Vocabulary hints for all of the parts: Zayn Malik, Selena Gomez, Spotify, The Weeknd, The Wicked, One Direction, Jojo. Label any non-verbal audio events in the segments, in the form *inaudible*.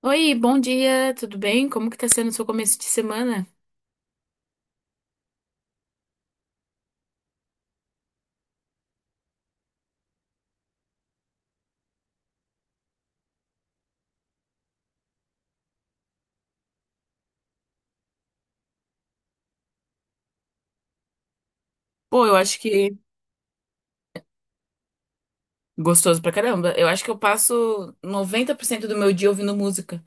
Oi, bom dia, tudo bem? Como que tá sendo o seu começo de semana? Pô, eu acho que gostoso pra caramba. Eu acho que eu passo 90% do meu dia ouvindo música.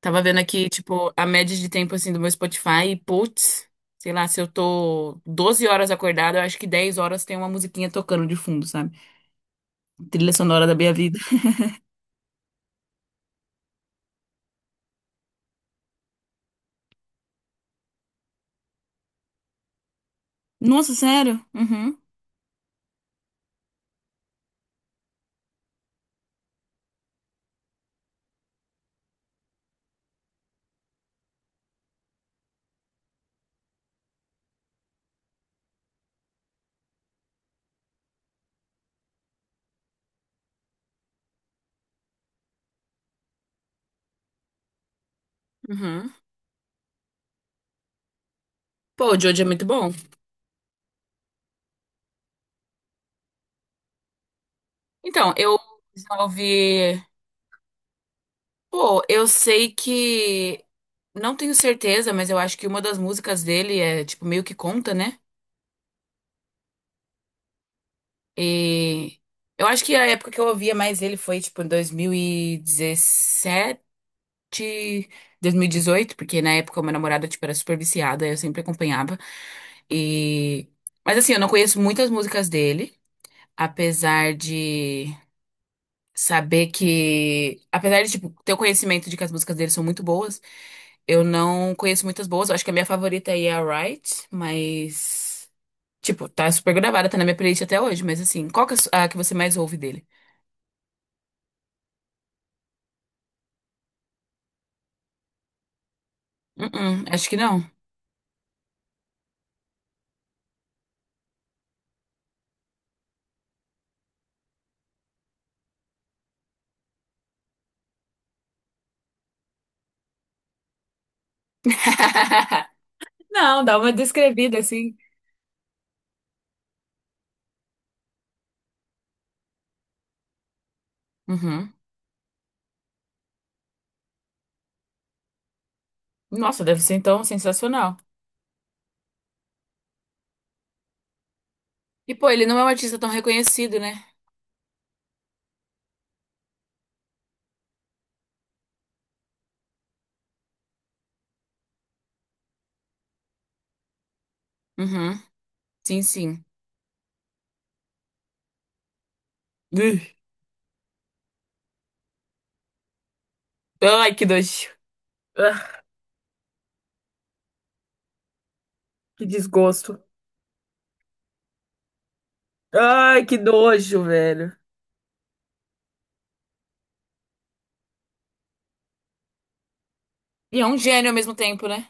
Tava vendo aqui, tipo, a média de tempo assim do meu Spotify e putz, sei lá, se eu tô 12 horas acordada, eu acho que 10 horas tem uma musiquinha tocando de fundo, sabe? Trilha sonora da minha vida. Nossa, sério? Uhum. Uhum. Pô, o Jojo é muito bom. Então, eu resolvi. Pô, eu sei que. Não tenho certeza, mas eu acho que uma das músicas dele é, tipo, meio que conta, né? E. Eu acho que a época que eu ouvia mais ele foi, tipo, em dois mil e dezessete 2018 porque na época o meu namorado, tipo, era super viciada, eu sempre acompanhava. E. Mas assim, eu não conheço muitas músicas dele, apesar de saber que. Apesar de, tipo, ter o conhecimento de que as músicas dele são muito boas. Eu não conheço muitas boas. Eu acho que a minha favorita aí é a Right, mas. Tipo, tá super gravada, tá na minha playlist até hoje, mas assim, qual que é a que você mais ouve dele? Uh-uh, acho que não. *laughs* Não, dá uma descrevida assim. Uhum. Nossa, deve ser então sensacional. E pô, ele não é um artista tão reconhecido, né? Uhum. Sim, sim. Ugh. Ai, que nojo. Ah, que desgosto. Ai, que nojo, velho. E é um gênio ao mesmo tempo, né?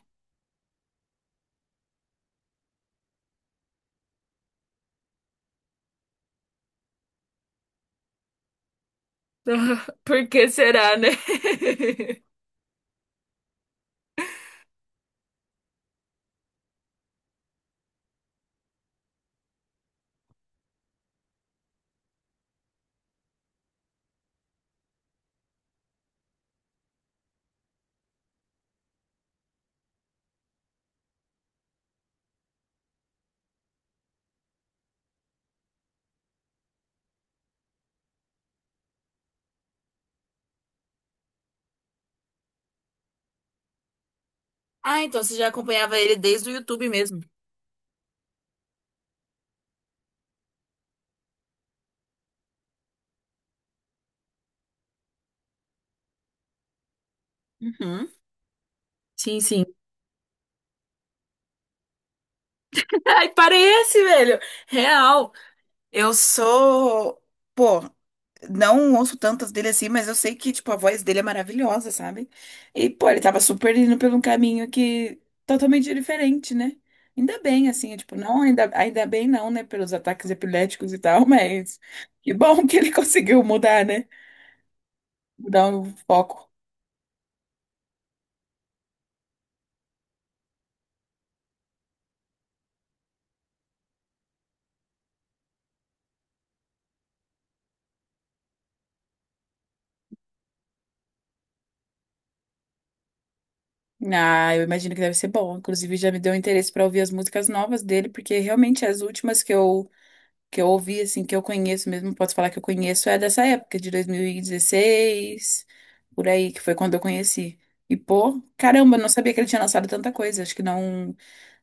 Ah, por que será, né? *laughs* Ah, então você já acompanhava ele desde o YouTube mesmo. Uhum. Sim, sim. *laughs* Ai, parece, velho. Real. Eu sou. Pô, não ouço tantas dele assim, mas eu sei que, tipo, a voz dele é maravilhosa, sabe? E, pô, ele tava super indo por um caminho que totalmente diferente, né? Ainda bem, assim, tipo, não, ainda bem não, né? Pelos ataques epiléticos e tal, *laughs* mas que bom que ele *laughs* conseguiu mudar, né? Mudar o foco. Ah, eu imagino que deve ser bom. Inclusive, já me deu interesse para ouvir as músicas novas dele, porque realmente as últimas que eu ouvi, assim, que eu conheço mesmo, posso falar que eu conheço, é dessa época, de 2016, por aí, que foi quando eu conheci. E, pô, caramba, eu não sabia que ele tinha lançado tanta coisa. Acho que não,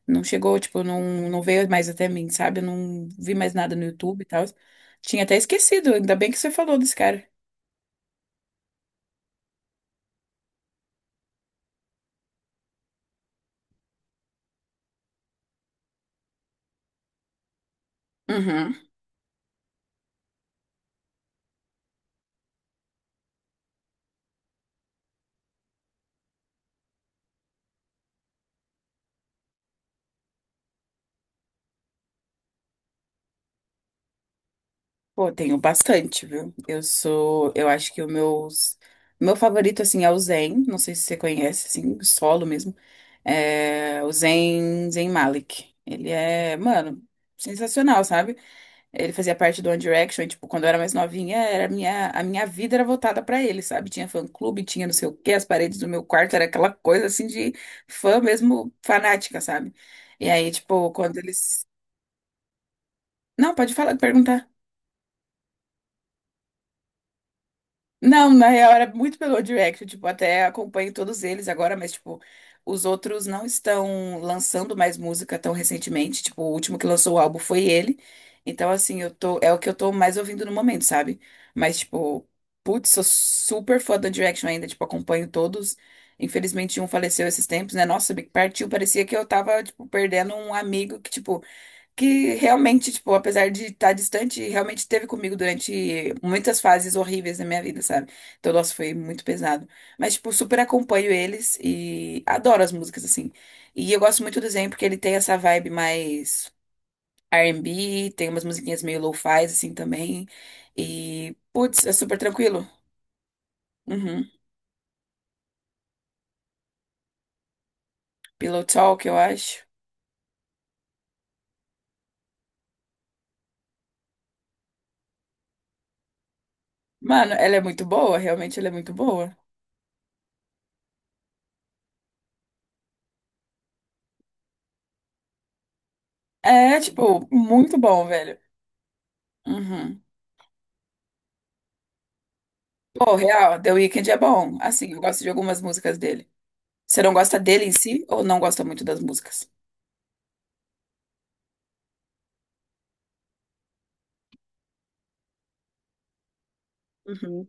não chegou, tipo, não, não veio mais até mim, sabe? Eu não vi mais nada no YouTube e tal. Tinha até esquecido, ainda bem que você falou desse cara. Uhum. Pô, tenho bastante, viu? Eu sou, eu acho que o meu favorito, assim, é o Zen, não sei se você conhece, assim, solo mesmo, é o Zen Malik. Ele é, mano, sensacional, sabe? Ele fazia parte do One Direction, e, tipo, quando eu era mais novinha, a minha vida era voltada pra ele, sabe? Tinha fã-clube, tinha não sei o quê, as paredes do meu quarto, era aquela coisa, assim, de fã mesmo fanática, sabe? E aí, tipo, quando eles... Não, pode falar, perguntar. Não, na real era muito pelo Direct, tipo, até acompanho todos eles agora, mas tipo, os outros não estão lançando mais música tão recentemente, tipo, o último que lançou o álbum foi ele. Então assim, eu tô, é o que eu tô mais ouvindo no momento, sabe? Mas tipo, putz, sou super fã do Direction ainda, tipo, acompanho todos. Infelizmente um faleceu esses tempos, né? Nossa, me partiu, parecia que eu tava tipo perdendo um amigo que tipo que realmente, tipo, apesar de estar distante, realmente esteve comigo durante muitas fases horríveis da minha vida, sabe? Então, nossa, foi muito pesado. Mas, tipo, super acompanho eles e adoro as músicas, assim. E eu gosto muito do Zen porque ele tem essa vibe mais R&B, tem umas musiquinhas meio lo-fi, assim, também. E, putz, é super tranquilo. Uhum. Pillow Talk, eu acho. Mano, ela é muito boa, realmente ela é muito boa. É, tipo, muito bom, velho. Uhum. Pô, real, The Weeknd é bom. Assim, eu gosto de algumas músicas dele. Você não gosta dele em si ou não gosta muito das músicas? Uhum.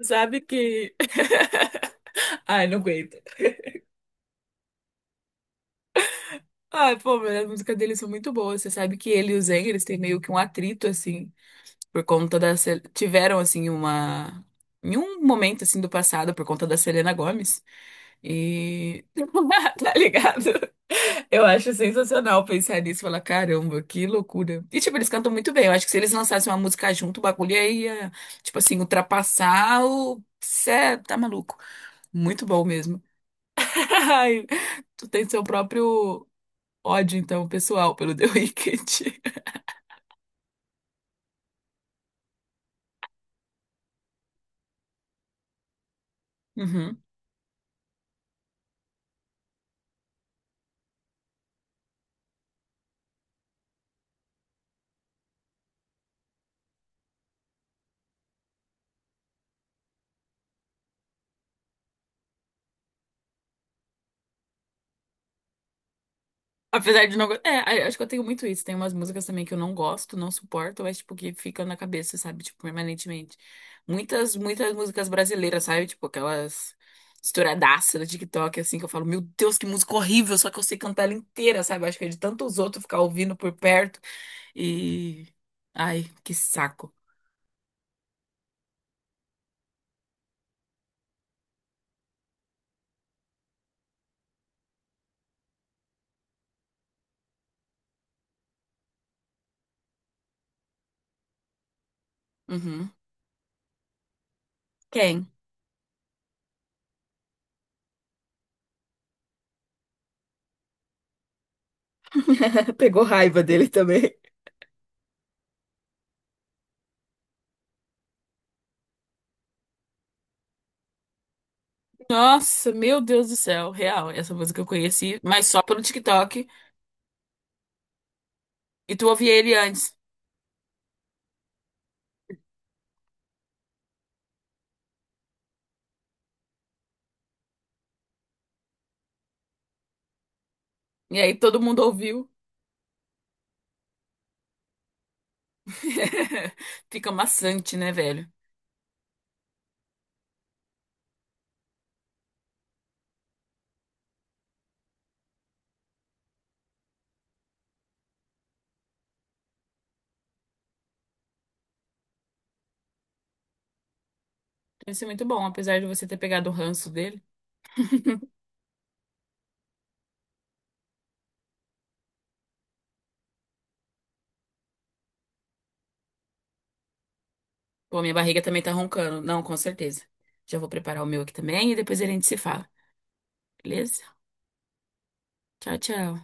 Sabe que. *laughs* Ai, não aguento. Ai, pô, mas as músicas deles são muito boas. Você sabe que ele e o Zayn, eles têm meio que um atrito, assim, por conta da. Tiveram, assim, uma. Em um momento, assim, do passado, por conta da Selena Gomez. E. *laughs* Tá ligado? Eu acho sensacional pensar nisso e falar, caramba, que loucura. E, tipo, eles cantam muito bem. Eu acho que se eles lançassem uma música junto, o bagulho ia, tipo assim, ultrapassar o. Cê é, tá maluco. Muito bom mesmo. *laughs* Ai, tu tem seu próprio ódio, então, pessoal, pelo The Wicked. *laughs* Uhum. Apesar de não gostar. É, acho que eu tenho muito isso. Tem umas músicas também que eu não gosto, não suporto, mas, tipo, que ficam na cabeça, sabe? Tipo, permanentemente. Muitas, muitas músicas brasileiras, sabe? Tipo, aquelas estouradaças do TikTok, assim, que eu falo, meu Deus, que música horrível, só que eu sei cantar ela inteira, sabe? Acho que é de tantos outros ficar ouvindo por perto e. Ai, que saco. Uhum. Quem? *laughs* Pegou raiva dele também. Nossa, meu Deus do céu, real. Essa música eu conheci, mas só pelo TikTok. E tu ouvia ele antes. E aí todo mundo ouviu. *laughs* Fica maçante, né, velho? Deve ser muito bom, apesar de você ter pegado o ranço dele. *laughs* Pô, minha barriga também tá roncando. Não, com certeza. Já vou preparar o meu aqui também e depois a gente se fala. Beleza? Tchau, tchau.